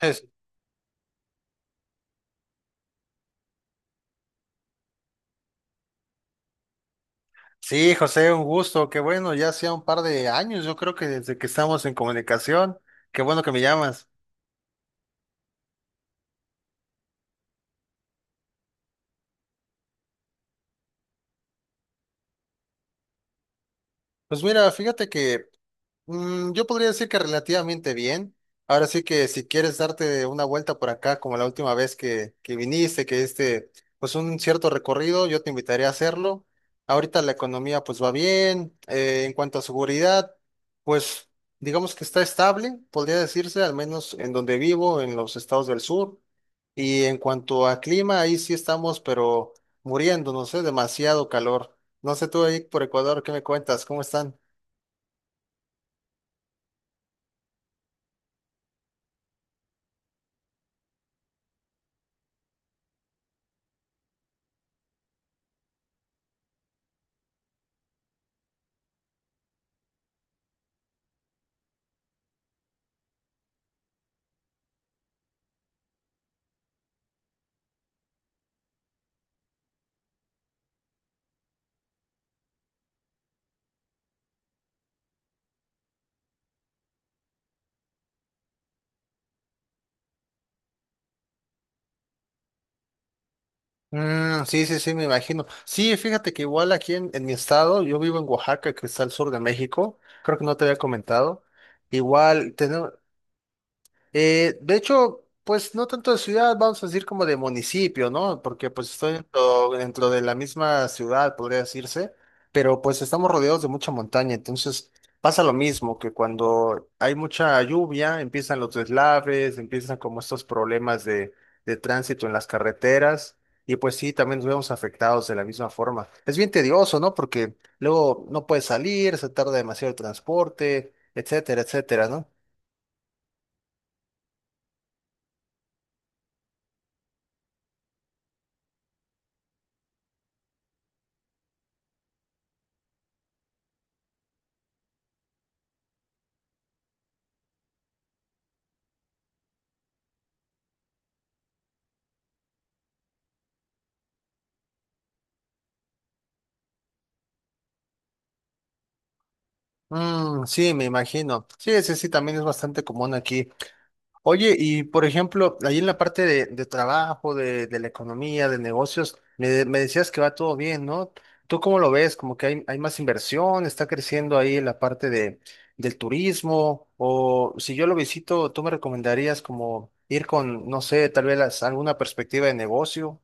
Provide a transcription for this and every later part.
Es- sí, José, un gusto. Qué bueno, ya hacía un par de años, yo creo que desde que estamos en comunicación. Qué bueno que me llamas. Pues mira, fíjate que yo podría decir que relativamente bien. Ahora sí que si quieres darte una vuelta por acá, como la última vez que viniste, pues un cierto recorrido, yo te invitaría a hacerlo. Ahorita la economía pues va bien. En cuanto a seguridad, pues digamos que está estable, podría decirse, al menos en donde vivo, en los estados del sur. Y en cuanto a clima, ahí sí estamos, pero muriendo, no sé, demasiado calor. No sé tú ahí por Ecuador, ¿qué me cuentas? ¿Cómo están? Mm, sí, sí, sí, me imagino. Sí, fíjate que igual aquí en mi estado, yo vivo en Oaxaca, que está al sur de México, creo que no te había comentado. Igual, de hecho, pues no tanto de ciudad, vamos a decir como de municipio, ¿no? Porque pues estoy dentro de la misma ciudad, podría decirse, pero pues estamos rodeados de mucha montaña, entonces pasa lo mismo, que cuando hay mucha lluvia, empiezan los deslaves, empiezan como estos problemas de tránsito en las carreteras, y pues sí, también nos vemos afectados de la misma forma. Es bien tedioso, ¿no? Porque luego no puedes salir, se tarda demasiado el transporte, etcétera, etcétera, ¿no? Mm, sí, me imagino. Sí, ese sí también es bastante común aquí. Oye, y por ejemplo, ahí en la parte de trabajo, de la economía, de negocios, me decías que va todo bien, ¿no? ¿Tú cómo lo ves? ¿Como que hay más inversión? ¿Está creciendo ahí la parte del turismo? O si yo lo visito, ¿tú me recomendarías como ir con, no sé, alguna perspectiva de negocio?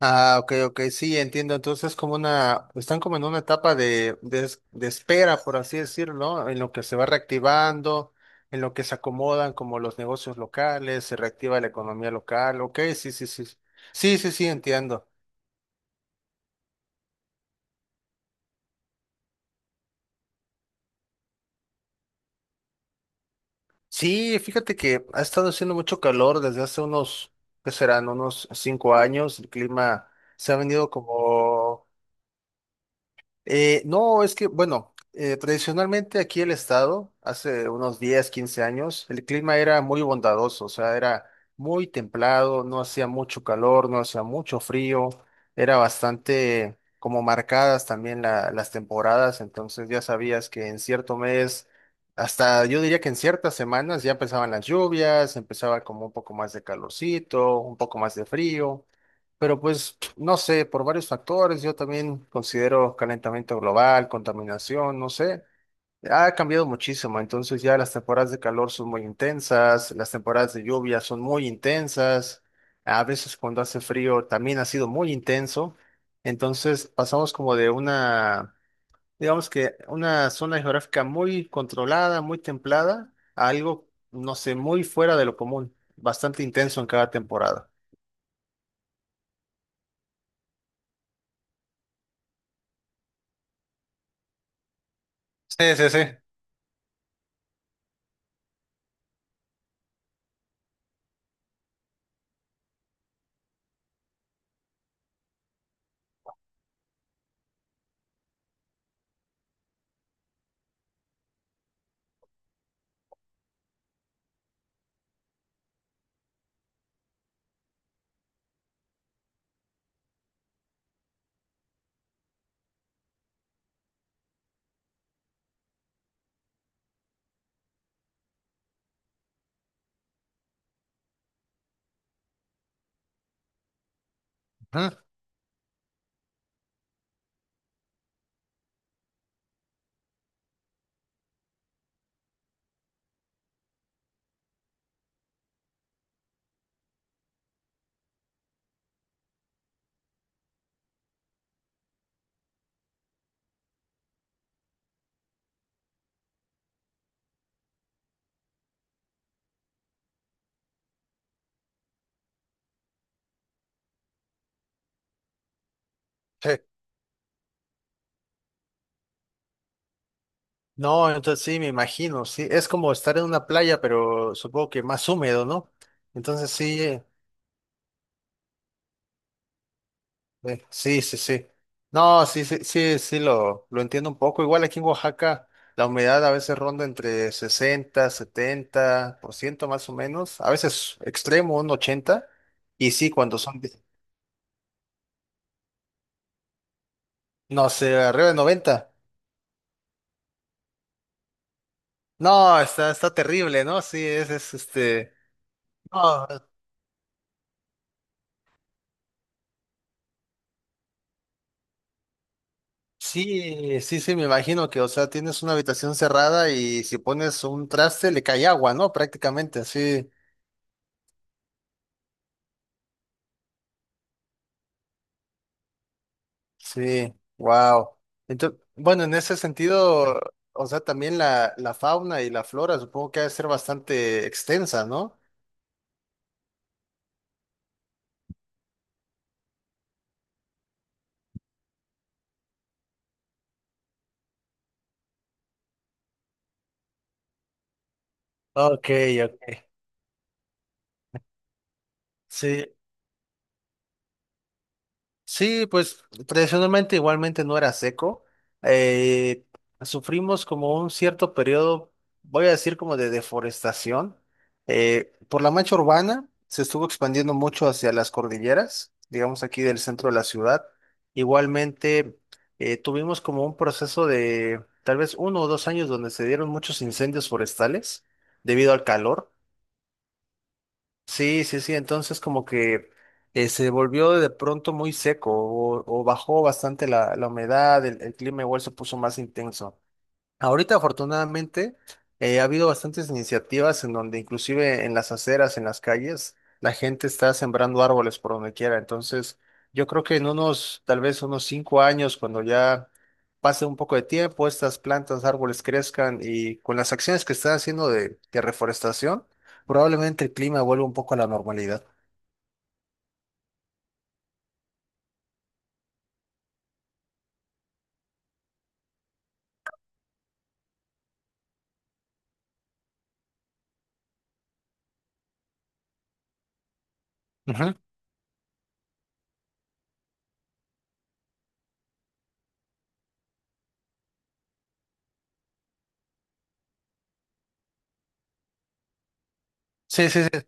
Ah, ok, ok, sí, entiendo. Entonces, están como en una etapa de espera, por así decirlo, ¿no? En lo que se va reactivando, en lo que se acomodan como los negocios locales, se reactiva la economía local. Ok, sí, sí, sí. Sí, sí, sí, entiendo. Sí, fíjate que ha estado haciendo mucho calor desde hace unos, ¿qué serán? Unos cinco años. El clima se ha venido como no, es que, bueno, tradicionalmente aquí el estado, hace unos 10, 15 años, el clima era muy bondadoso, o sea, era muy templado, no hacía mucho calor, no hacía mucho frío, era bastante como marcadas también las temporadas, entonces ya sabías que en cierto mes, hasta yo diría que en ciertas semanas ya empezaban las lluvias, empezaba como un poco más de calorcito, un poco más de frío. Pero pues, no sé, por varios factores, yo también considero calentamiento global, contaminación, no sé, ha cambiado muchísimo, entonces ya las temporadas de calor son muy intensas, las temporadas de lluvia son muy intensas, a veces cuando hace frío también ha sido muy intenso, entonces pasamos digamos que una zona geográfica muy controlada, muy templada, a algo, no sé, muy fuera de lo común, bastante intenso en cada temporada. Sí, sí, sí. Ujú. Sí. No, entonces sí, me imagino, sí, es como estar en una playa, pero supongo que más húmedo, ¿no? Entonces sí, sí, sí. No, sí, sí, sí, sí, lo entiendo un poco. Igual aquí en Oaxaca la humedad a veces ronda entre 60, 70% más o menos, a veces extremo, un 80, y sí, no sé, arriba de 90. No, está, está terrible, ¿no? Sí, es este... No. Sí, sí, sí, me imagino que, o sea, tienes una habitación cerrada y si pones un traste le cae agua, ¿no? Prácticamente, sí, sí, wow. Entonces, bueno, en ese sentido, o sea, también la fauna y la flora supongo que ha de ser bastante extensa, ¿no? Ok, ok. Sí, sí, pues tradicionalmente igualmente no era seco. Eh, Sufrimos como un cierto periodo, voy a decir como de deforestación. Por la mancha urbana se estuvo expandiendo mucho hacia las cordilleras, digamos aquí del centro de la ciudad. Igualmente tuvimos como un proceso de tal vez uno o dos años donde se dieron muchos incendios forestales debido al calor. Sí, sí, sí. Entonces como que se volvió de pronto muy seco o bajó bastante la humedad, el clima igual se puso más intenso. Ahorita, afortunadamente, ha habido bastantes iniciativas en donde inclusive en las aceras, en las calles, la gente está sembrando árboles por donde quiera. Entonces, yo creo que en unos, tal vez unos cinco años, cuando ya pase un poco de tiempo, estas plantas, árboles crezcan y con las acciones que están haciendo de reforestación, probablemente el clima vuelva un poco a la normalidad. Ujú. Sí, sí, sí.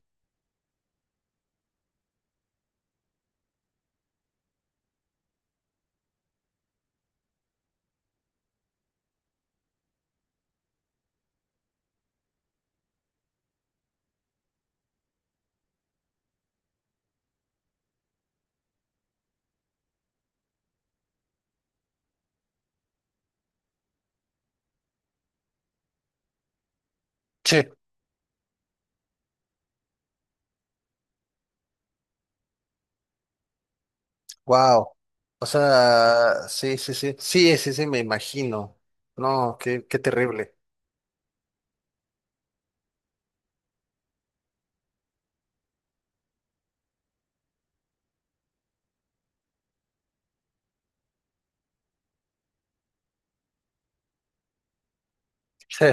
Sí. Wow. O sea, sí, sí, sí. Sí, sí, sí, me imagino. No, qué, qué terrible. Sí,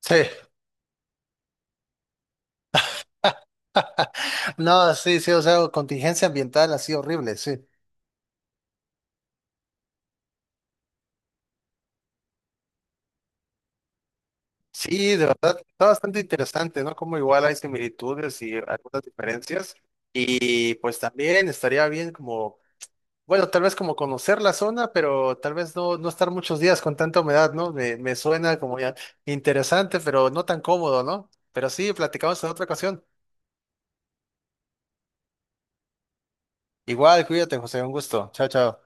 sí, no, sí, sí, o sea, contingencia ambiental así horrible, sí. Sí, de verdad, está bastante interesante, ¿no? Como igual hay similitudes y algunas diferencias. Y pues también estaría bien como, bueno, tal vez como conocer la zona, pero tal vez no, no estar muchos días con tanta humedad, ¿no? Me suena como ya interesante, pero no tan cómodo, ¿no? Pero sí, platicamos en otra ocasión. Igual, cuídate, José, un gusto. Chao, chao.